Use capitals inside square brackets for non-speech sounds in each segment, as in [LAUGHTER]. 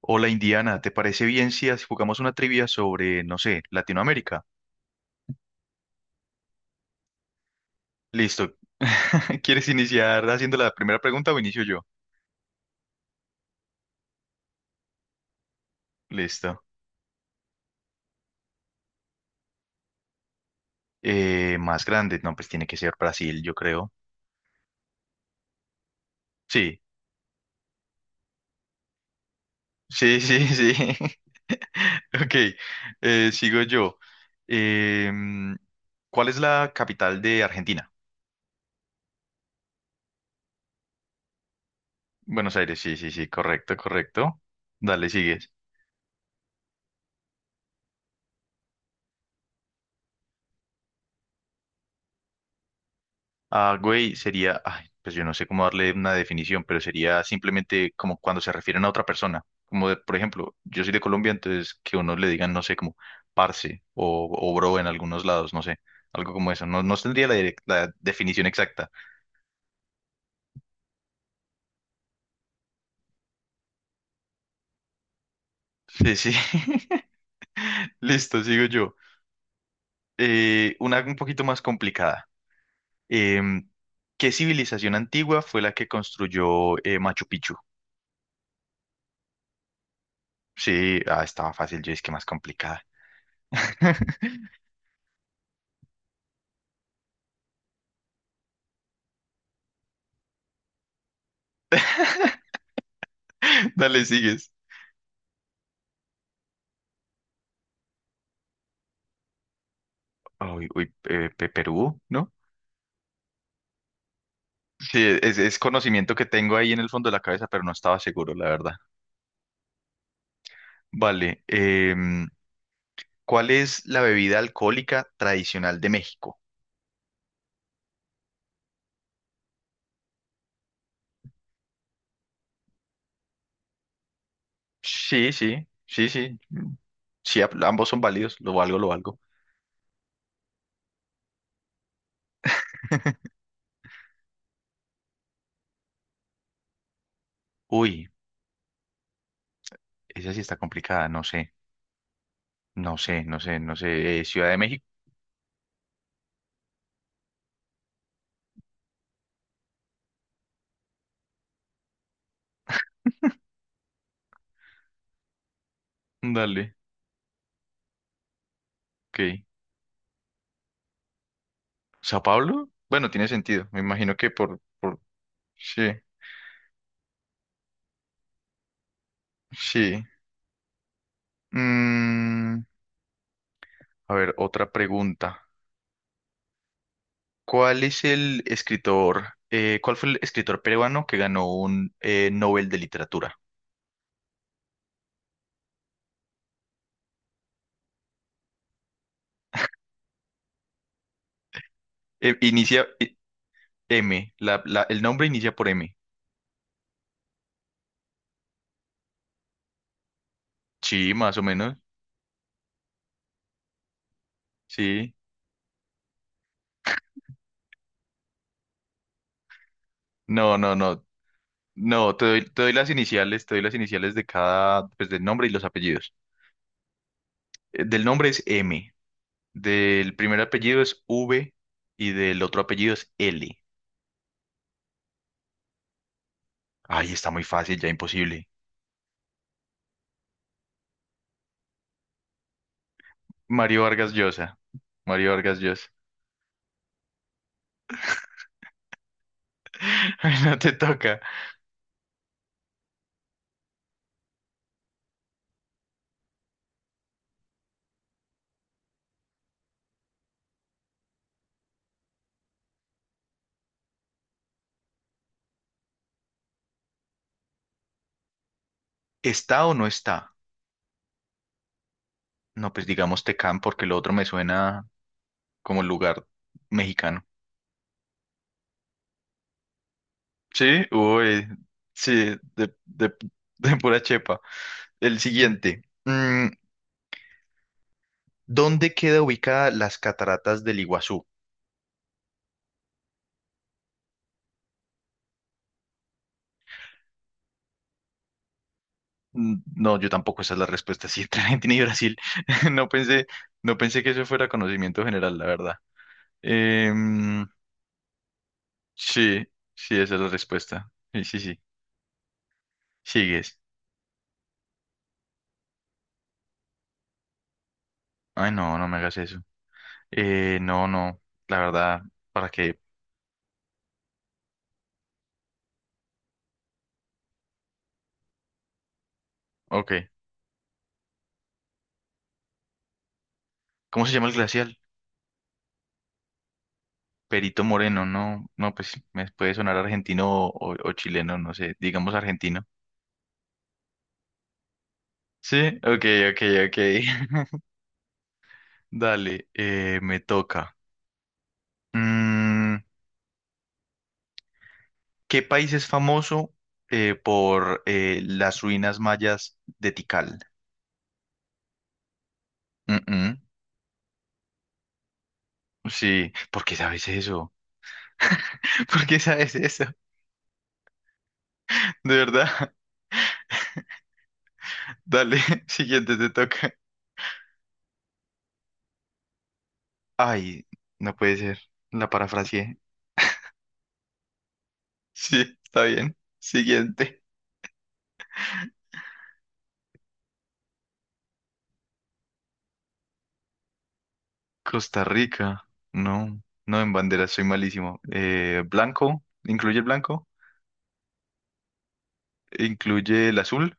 Hola Indiana, ¿te parece bien si jugamos una trivia sobre, no sé, Latinoamérica? Listo. [LAUGHS] ¿Quieres iniciar haciendo la primera pregunta o inicio yo? Listo. Más grande, no, pues tiene que ser Brasil, yo creo. Sí, sí, sí, sí. [LAUGHS] Ok, sigo yo. Em, ¿Cuál es la capital de Argentina? Buenos Aires, sí, sí, sí, correcto, correcto. Dale, sigues. Ah, güey, sería, ay, pues yo no sé cómo darle una definición, pero sería simplemente como cuando se refieren a otra persona. Como de, por ejemplo, yo soy de Colombia, entonces que uno le digan, no sé, como parce o bro en algunos lados, no sé, algo como eso. No, no tendría la, la definición exacta. Sí, sí. [LAUGHS] Listo, sigo yo. Una un poquito más complicada. Em, ¿Qué civilización antigua fue la que construyó Machu Picchu? Sí, ah, estaba fácil, yo es que más complicada. [LAUGHS] Dale, sigues. Uy, uy, Perú, ¿no? Sí, es conocimiento que tengo ahí en el fondo de la cabeza, pero no estaba seguro, la verdad. Vale, ¿cuál es la bebida alcohólica tradicional de México? Sí, sí, sí, sí. Mm, sí, ambos son válidos, lo valgo, lo valgo. [LAUGHS] Uy, esa sí está complicada, no sé, no sé, no sé, no sé. Ciudad de México, dale, ok. ¿Sao Paulo? Bueno, tiene sentido, me imagino que por... Sí, sí. Mm, a ver, otra pregunta. ¿Cuál es el escritor, cuál fue el escritor peruano que ganó un Nobel de Literatura? Inicia M, el nombre inicia por M. Sí, más o menos. Sí. No, no, no. No, te doy las iniciales, te doy las iniciales de cada, pues del nombre y los apellidos. Del nombre es M, del primer apellido es V y del otro apellido es L. Ay, está muy fácil, ya imposible. Mario Vargas Llosa. Mario Vargas Llosa. [LAUGHS] No te toca. ¿Está o no está? No, pues digamos Tecán porque lo otro me suena como lugar mexicano. Sí, uy, sí, de, de, de pura chepa. El siguiente. ¿Dónde queda ubicada las cataratas del Iguazú? Mm, no, yo tampoco esa es la respuesta. Sí, [LAUGHS] entre Argentina y Brasil. [LAUGHS] No pensé, no pensé que eso fuera conocimiento general, la verdad. Em, sí, sí, esa es la respuesta. Sí, sí, sí. Sigues. Ay, no, no me hagas eso. No, no, la verdad, ¿para qué? Ok. ¿Cómo se llama el glacial? Perito Moreno, no, no, pues me puede sonar argentino o chileno, no sé, digamos argentino. Sí, ok, ok, ok. [LAUGHS] Dale, me toca. Mm, ¿Qué país es famoso por las ruinas mayas de Tikal? Mm, mm, sí, ¿por qué sabes eso? [LAUGHS] ¿Por qué sabes eso? De verdad. [LAUGHS] Dale, [LAUGHS] siguiente te toca. Ay, no puede ser. La parafraseé. [LAUGHS] Sí, está bien. Siguiente. Costa Rica. No, no en bandera, soy malísimo. Incluye el blanco, incluye el azul,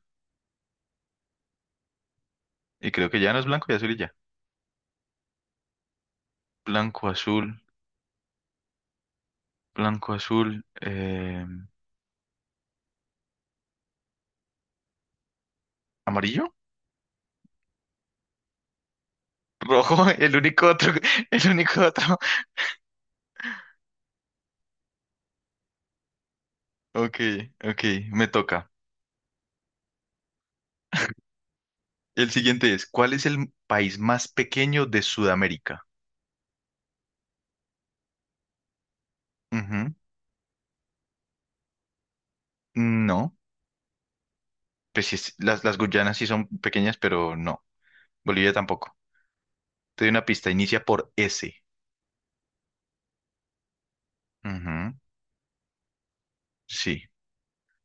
y creo que ya no es blanco y azul y ya. Blanco, azul, blanco, azul, amarillo, rojo, [LAUGHS] el único otro, [LAUGHS] el único otro. Ok, ok, me toca. El siguiente es, ¿cuál es el país más pequeño de Sudamérica? Ujú. No. Pues sí las Guyanas sí son pequeñas, pero no. Bolivia tampoco. Te doy una pista, inicia por S. Ujú, sí.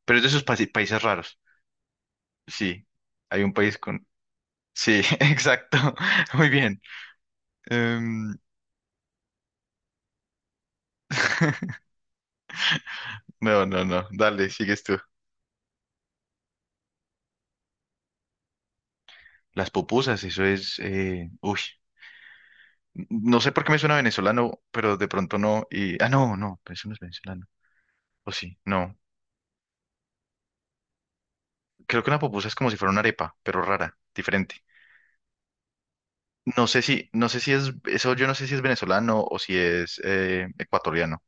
Pero es de esos países raros. Sí. Hay un país con. Sí, [LAUGHS] exacto. [LAUGHS] Muy bien. Em, [LAUGHS] no, no, no. Dale, sigues tú. Las pupusas, eso es. Uy. No sé por qué me suena venezolano, pero de pronto no. Y... Ah, no, no, eso no es venezolano. O sí, no. Creo que una pupusa es como si fuera una arepa, pero rara, diferente. No sé si, no sé si es, eso yo no sé si es venezolano o si es ecuatoriano.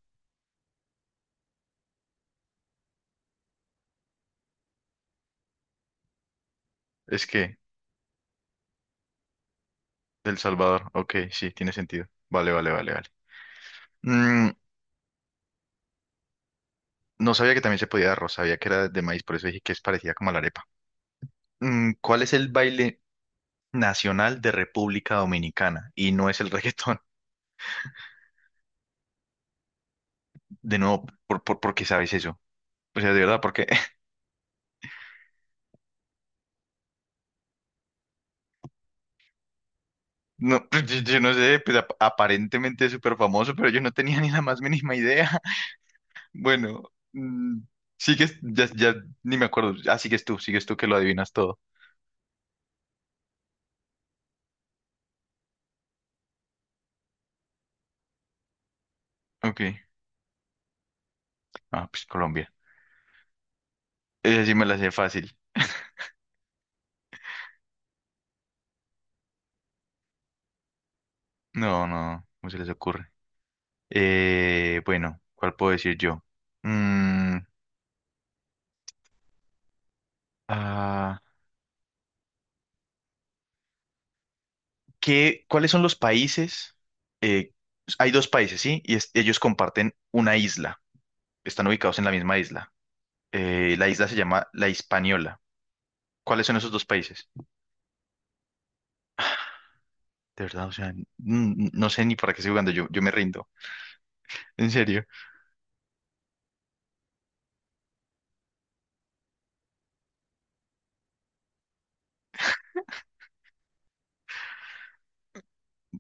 Es que, del Salvador. Ok, sí, tiene sentido. Vale, vale, vale, vale. Mm, no sabía que también se podía de arroz, sabía que era de maíz, por eso dije que es parecida como a la arepa. ¿Cuál es el baile nacional de República Dominicana? Y no es el [LAUGHS] reggaetón. De nuevo, ¿ por qué sabes eso? O sea, de verdad, porque [LAUGHS] no, pues, yo no sé, pues aparentemente es súper famoso, pero yo no tenía ni la más mínima idea. Bueno, sigues, ya, ya ni me acuerdo. Ah, sigues tú que lo adivinas todo. Ok. Ah, pues Colombia. Esa sí me la sé fácil. No, no, no se les ocurre. Bueno, ¿cuál puedo decir yo? Mm, ah, ¿qué, cuáles son los países? Eh, hay dos países, ¿sí? Y ellos comparten una isla. Están ubicados en la misma isla. La isla se llama La Hispaniola. ¿Cuáles son esos dos países? De verdad, o sea, mm, no sé ni para qué estoy jugando. Yo me rindo. En serio.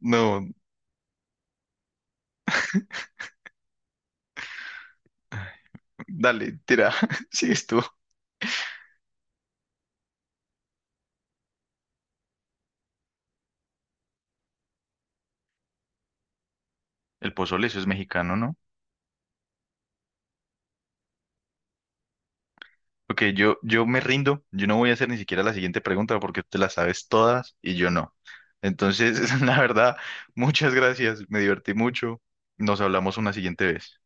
No, dale, tira. [LAUGHS] Sigues tú. El pozole, eso es mexicano, ¿no? Ok, yo me rindo. Yo no voy a hacer ni siquiera la siguiente pregunta porque te las sabes todas y yo no. Entonces, [LAUGHS] la verdad, muchas gracias. Me divertí mucho. Nos hablamos una siguiente vez.